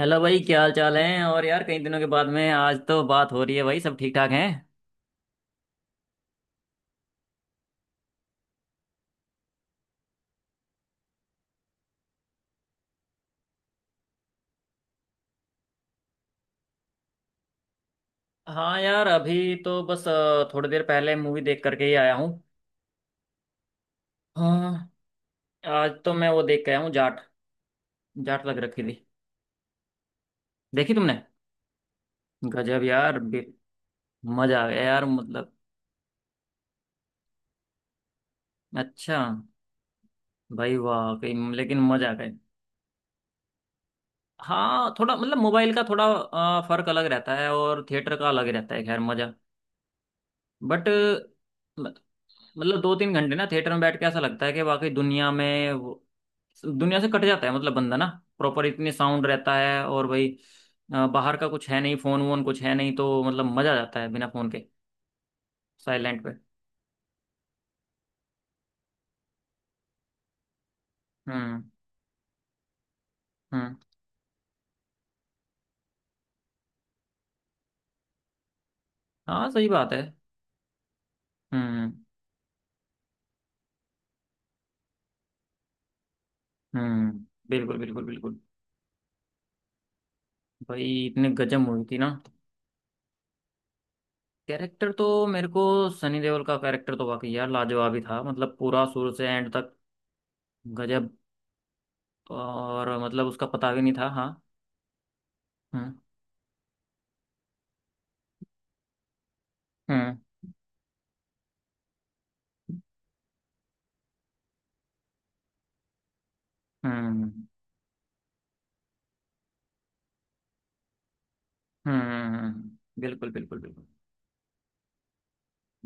Hello भाई, क्या हाल चाल है? और यार कई दिनों के बाद में आज तो बात हो रही है। भाई सब ठीक ठाक हैं? हाँ यार, अभी तो बस थोड़ी देर पहले मूवी देख करके ही आया हूँ। हाँ, आज तो मैं वो देख के आया हूँ जाट। जाट लग रखी थी। देखी तुमने? गजब यार मजा आ गया यार, मतलब। अच्छा। भाई वाह, कहीं लेकिन मजा आ गया। हाँ, थोड़ा मतलब मोबाइल का थोड़ा फर्क अलग रहता है और थिएटर का अलग रहता है, खैर मजा। बट। मतलब 2-3 घंटे ना थिएटर में बैठ के ऐसा लगता है कि वाकई दुनिया में दुनिया से कट जाता है मतलब बंदा ना। प्रॉपर इतने साउंड रहता है और भाई बाहर का कुछ है नहीं, फोन वोन कुछ है नहीं, तो मतलब मजा आ जाता है बिना फोन के। साइलेंट पे। हम्म। हम्म। हाँ, सही बात है। हम्म। हम्म। बिल्कुल बिल्कुल बिल्कुल। भाई इतने गजब मूवी थी ना। कैरेक्टर तो मेरे को सनी देओल का कैरेक्टर तो वाकई यार लाजवाब ही था, मतलब पूरा शुरू से एंड तक। गजब। और मतलब उसका पता भी नहीं था। हाँ। हम्म। हम्म। हम्म। हम्म। बिल्कुल बिल्कुल बिल्कुल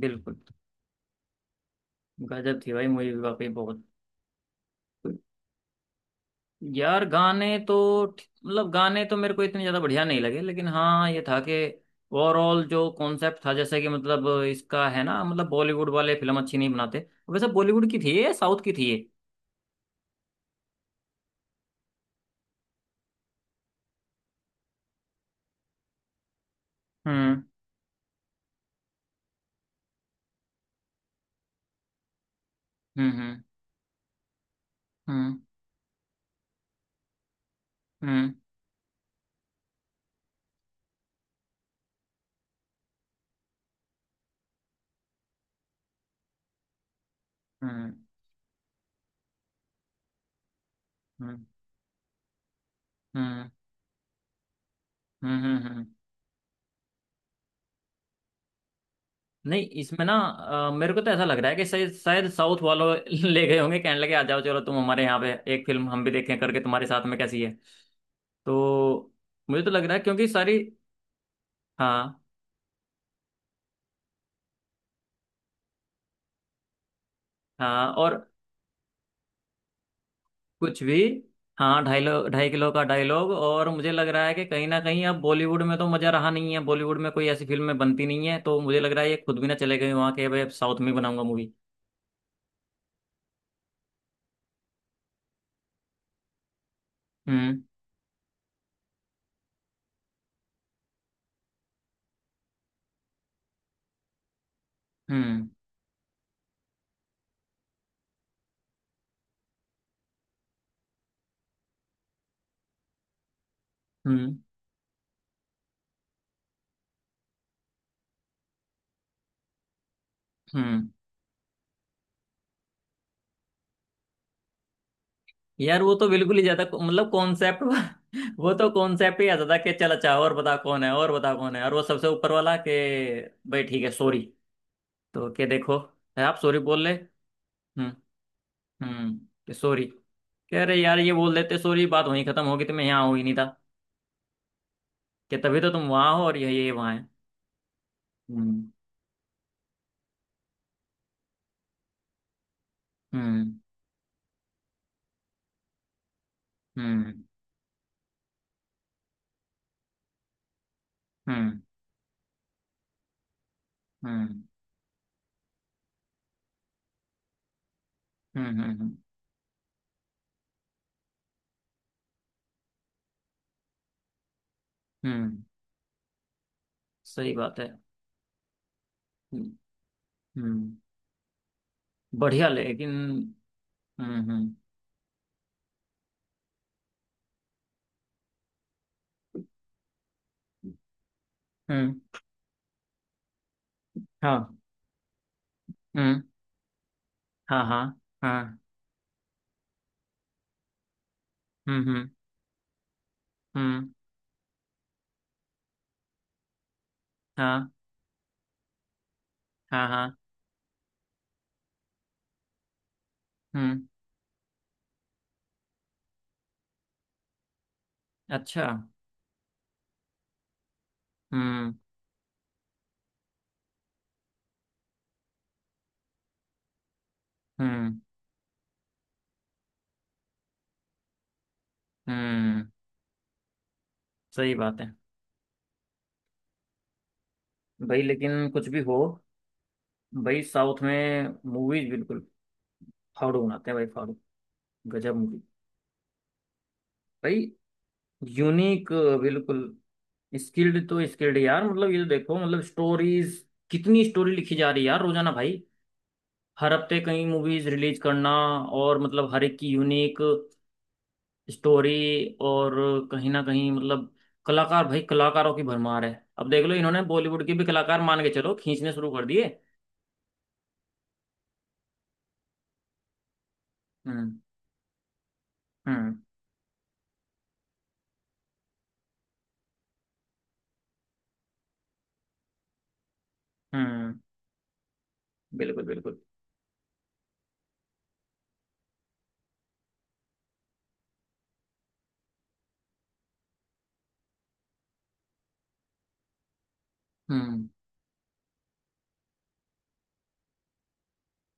बिल्कुल। गजब थी भाई मूवी वाकई बहुत। यार गाने तो मतलब गाने तो मेरे को इतने ज्यादा बढ़िया नहीं लगे, लेकिन हाँ ये था कि ओवरऑल जो कॉन्सेप्ट था, जैसे कि मतलब इसका है ना, मतलब बॉलीवुड वाले फिल्म अच्छी नहीं बनाते, वैसे बॉलीवुड की थी ये, साउथ की थी ये। हम्म। हम्म। हम्म। हम्म। हम्म। हम्म। हम्म। हम्म। हम्म। हम्म। हम्म। नहीं, इसमें ना मेरे को तो ऐसा लग रहा है कि शायद शायद साउथ वालों ले गए होंगे, कहने लगे आ जाओ चलो तुम हमारे यहाँ पे, एक फिल्म हम भी देखें करके तुम्हारे साथ में कैसी है। तो मुझे तो लग रहा है क्योंकि सारी। हाँ। हाँ और कुछ भी। हाँ ढाई किलो का डायलॉग, और मुझे लग रहा है कि कहीं ना कहीं अब बॉलीवुड में तो मज़ा रहा नहीं है, बॉलीवुड में कोई ऐसी फिल्में बनती नहीं है, तो मुझे लग रहा है ये खुद भी ना चले गए वहाँ के, भाई अब साउथ में ही बनाऊंगा मूवी। हम्म। हम्म। हम्म। हम्म। यार वो तो बिल्कुल ही ज्यादा मतलब कॉन्सेप्ट वो तो कॉन्सेप्ट ही आता था कि चल अच्छा, और बता कौन है, और बता कौन है, और वो सबसे ऊपर वाला के। भाई ठीक है सॉरी। तो के देखो, है आप सॉरी बोल ले। हम्म। हम्म। कि सॉरी कह रहे यार, ये बोल देते सॉरी, बात वहीं खत्म होगी, तो मैं यहाँ हूँ ही नहीं था। कि तभी तो तुम वहां हो और ये वहां है। हम्म। हम्म। हम्म। हम्म। हम्म। हम्म। हम्म। हम्म। हम्म। सही बात है। हम्म। हम्म, बढ़िया लेकिन। हम्म। हम्म। हम्म। हाँ। हम्म। हाँ हाँ। हाँ। हम्म। हम्म। हम्म। हाँ हाँ हाँ। हम्म। अच्छा। हम्म। हम्म। हम्म। सही बात है। भाई लेकिन कुछ भी हो, भाई साउथ में मूवीज बिल्कुल फाड़ू बनाते हैं भाई फाड़ू। गजब मूवी। भाई यूनिक। बिल्कुल। स्किल्ड तो स्किल्ड यार, मतलब ये तो देखो मतलब स्टोरीज। कितनी स्टोरी लिखी जा रही है यार रोजाना भाई। हर हफ्ते कई मूवीज रिलीज करना। और मतलब हर एक की यूनिक स्टोरी। और कहीं ना कहीं मतलब कलाकार, भाई कलाकारों की भरमार है। अब देख लो, इन्होंने बॉलीवुड के भी कलाकार मान के चलो खींचने शुरू कर दिए। हम्म। हम्म। हम्म। बिल्कुल बिल्कुल। हम्म।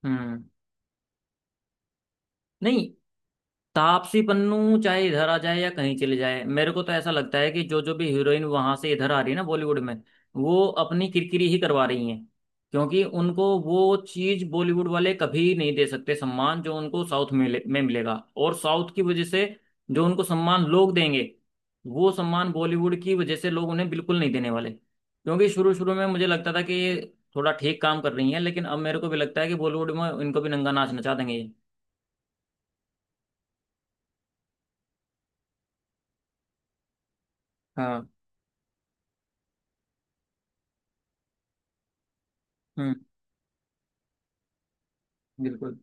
हम्म। नहीं। तापसी पन्नू चाहे इधर आ जाए या कहीं चले जाए, मेरे को तो ऐसा लगता है कि जो जो भी हीरोइन वहां से इधर आ रही है ना बॉलीवुड में, वो अपनी किरकिरी ही करवा रही हैं, क्योंकि उनको वो चीज बॉलीवुड वाले कभी नहीं दे सकते, सम्मान जो उनको साउथ में में मिलेगा, और साउथ की वजह से जो उनको सम्मान लोग देंगे, वो सम्मान बॉलीवुड की वजह से लोग उन्हें बिल्कुल नहीं देने वाले, क्योंकि शुरू शुरू में मुझे लगता था कि ये थोड़ा ठीक काम कर रही हैं, लेकिन अब मेरे को भी लगता है कि बॉलीवुड में इनको भी नंगा नाच नचा देंगे ये। हाँ। हम्म। बिल्कुल।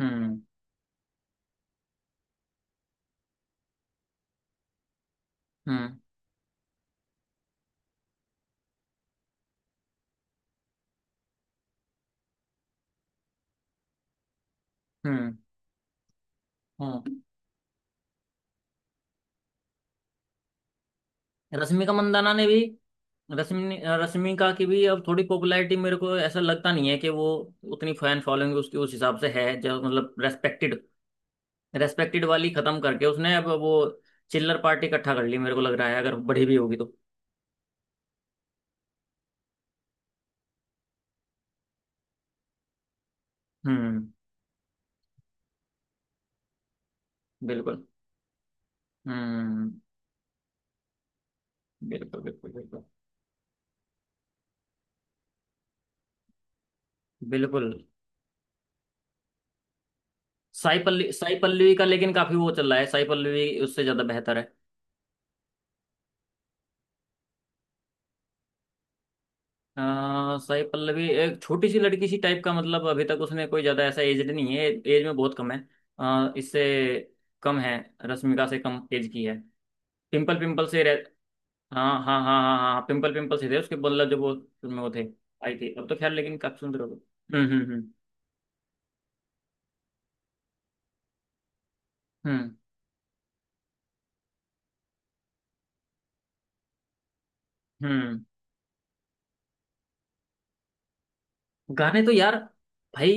हम्म। हम्म। हम्म। हाँ। रश्मिका मंदाना ने भी, रश्मिका की भी अब थोड़ी पॉपुलैरिटी, मेरे को ऐसा लगता नहीं है कि वो उतनी फैन फॉलोइंग उसकी उस हिसाब से है, जो मतलब रेस्पेक्टेड, रेस्पेक्टेड वाली खत्म करके उसने अब वो चिल्लर पार्टी इकट्ठा कर ली, मेरे को लग रहा है, अगर बड़ी भी होगी तो। हम्म। बिल्कुल। हम्म। बिल्कुल बिल्कुल बिल्कुल बिल्कुल। साई पल्लवी, साई पल्लवी का लेकिन काफी वो चल रहा है, साई पल्लवी उससे ज्यादा बेहतर है। अ, साई पल्लवी एक छोटी सी लड़की सी टाइप का, मतलब अभी तक उसने कोई ज्यादा ऐसा एजड नहीं है, एज में बहुत कम है। इससे कम है। रश्मिका से कम एज की है। पिंपल पिंपल से रह, हाँ हाँ हाँ हाँ हाँ, पिंपल पिंपल से थे उसके, मतलब जब वो फिल्म में वो थे आई थी, अब तो खैर लेकिन काफी सुंदर हो गए। हम्म। हम्म। हम्म। हम्म। हम्म। गाने तो यार, भाई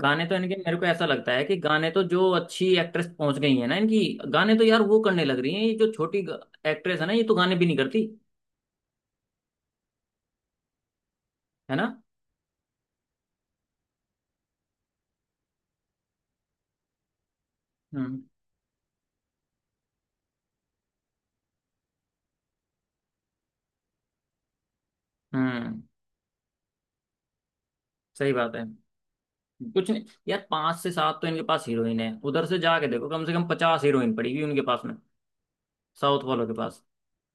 गाने तो इनके मेरे को ऐसा लगता है कि गाने तो जो अच्छी एक्ट्रेस पहुंच गई है ना इनकी, गाने तो यार वो करने लग रही है, ये जो छोटी एक्ट्रेस है ना, ये तो गाने भी नहीं करती, है ना। हम्म। हम्म। सही बात है। कुछ नहीं यार, पांच से सात तो इनके पास हीरोइन है, उधर से जाके देखो कम से कम 50 हीरोइन पड़ी हुई उनके पास में, साउथ वालों के पास।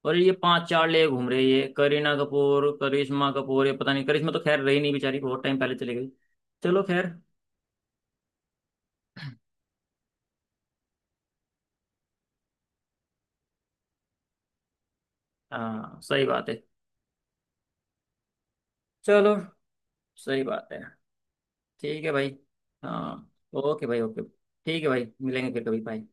और ये पांच चार ले घूम रहे हैं, ये करीना कपूर, करिश्मा कपूर, ये पता नहीं, करिश्मा तो खैर रही नहीं बेचारी, बहुत टाइम पहले चली गई। चलो खैर। हाँ, सही बात है। चलो, सही बात है। ठीक है भाई। हाँ। ओके भाई ओके। ठीक है भाई, मिलेंगे फिर कभी, बाय।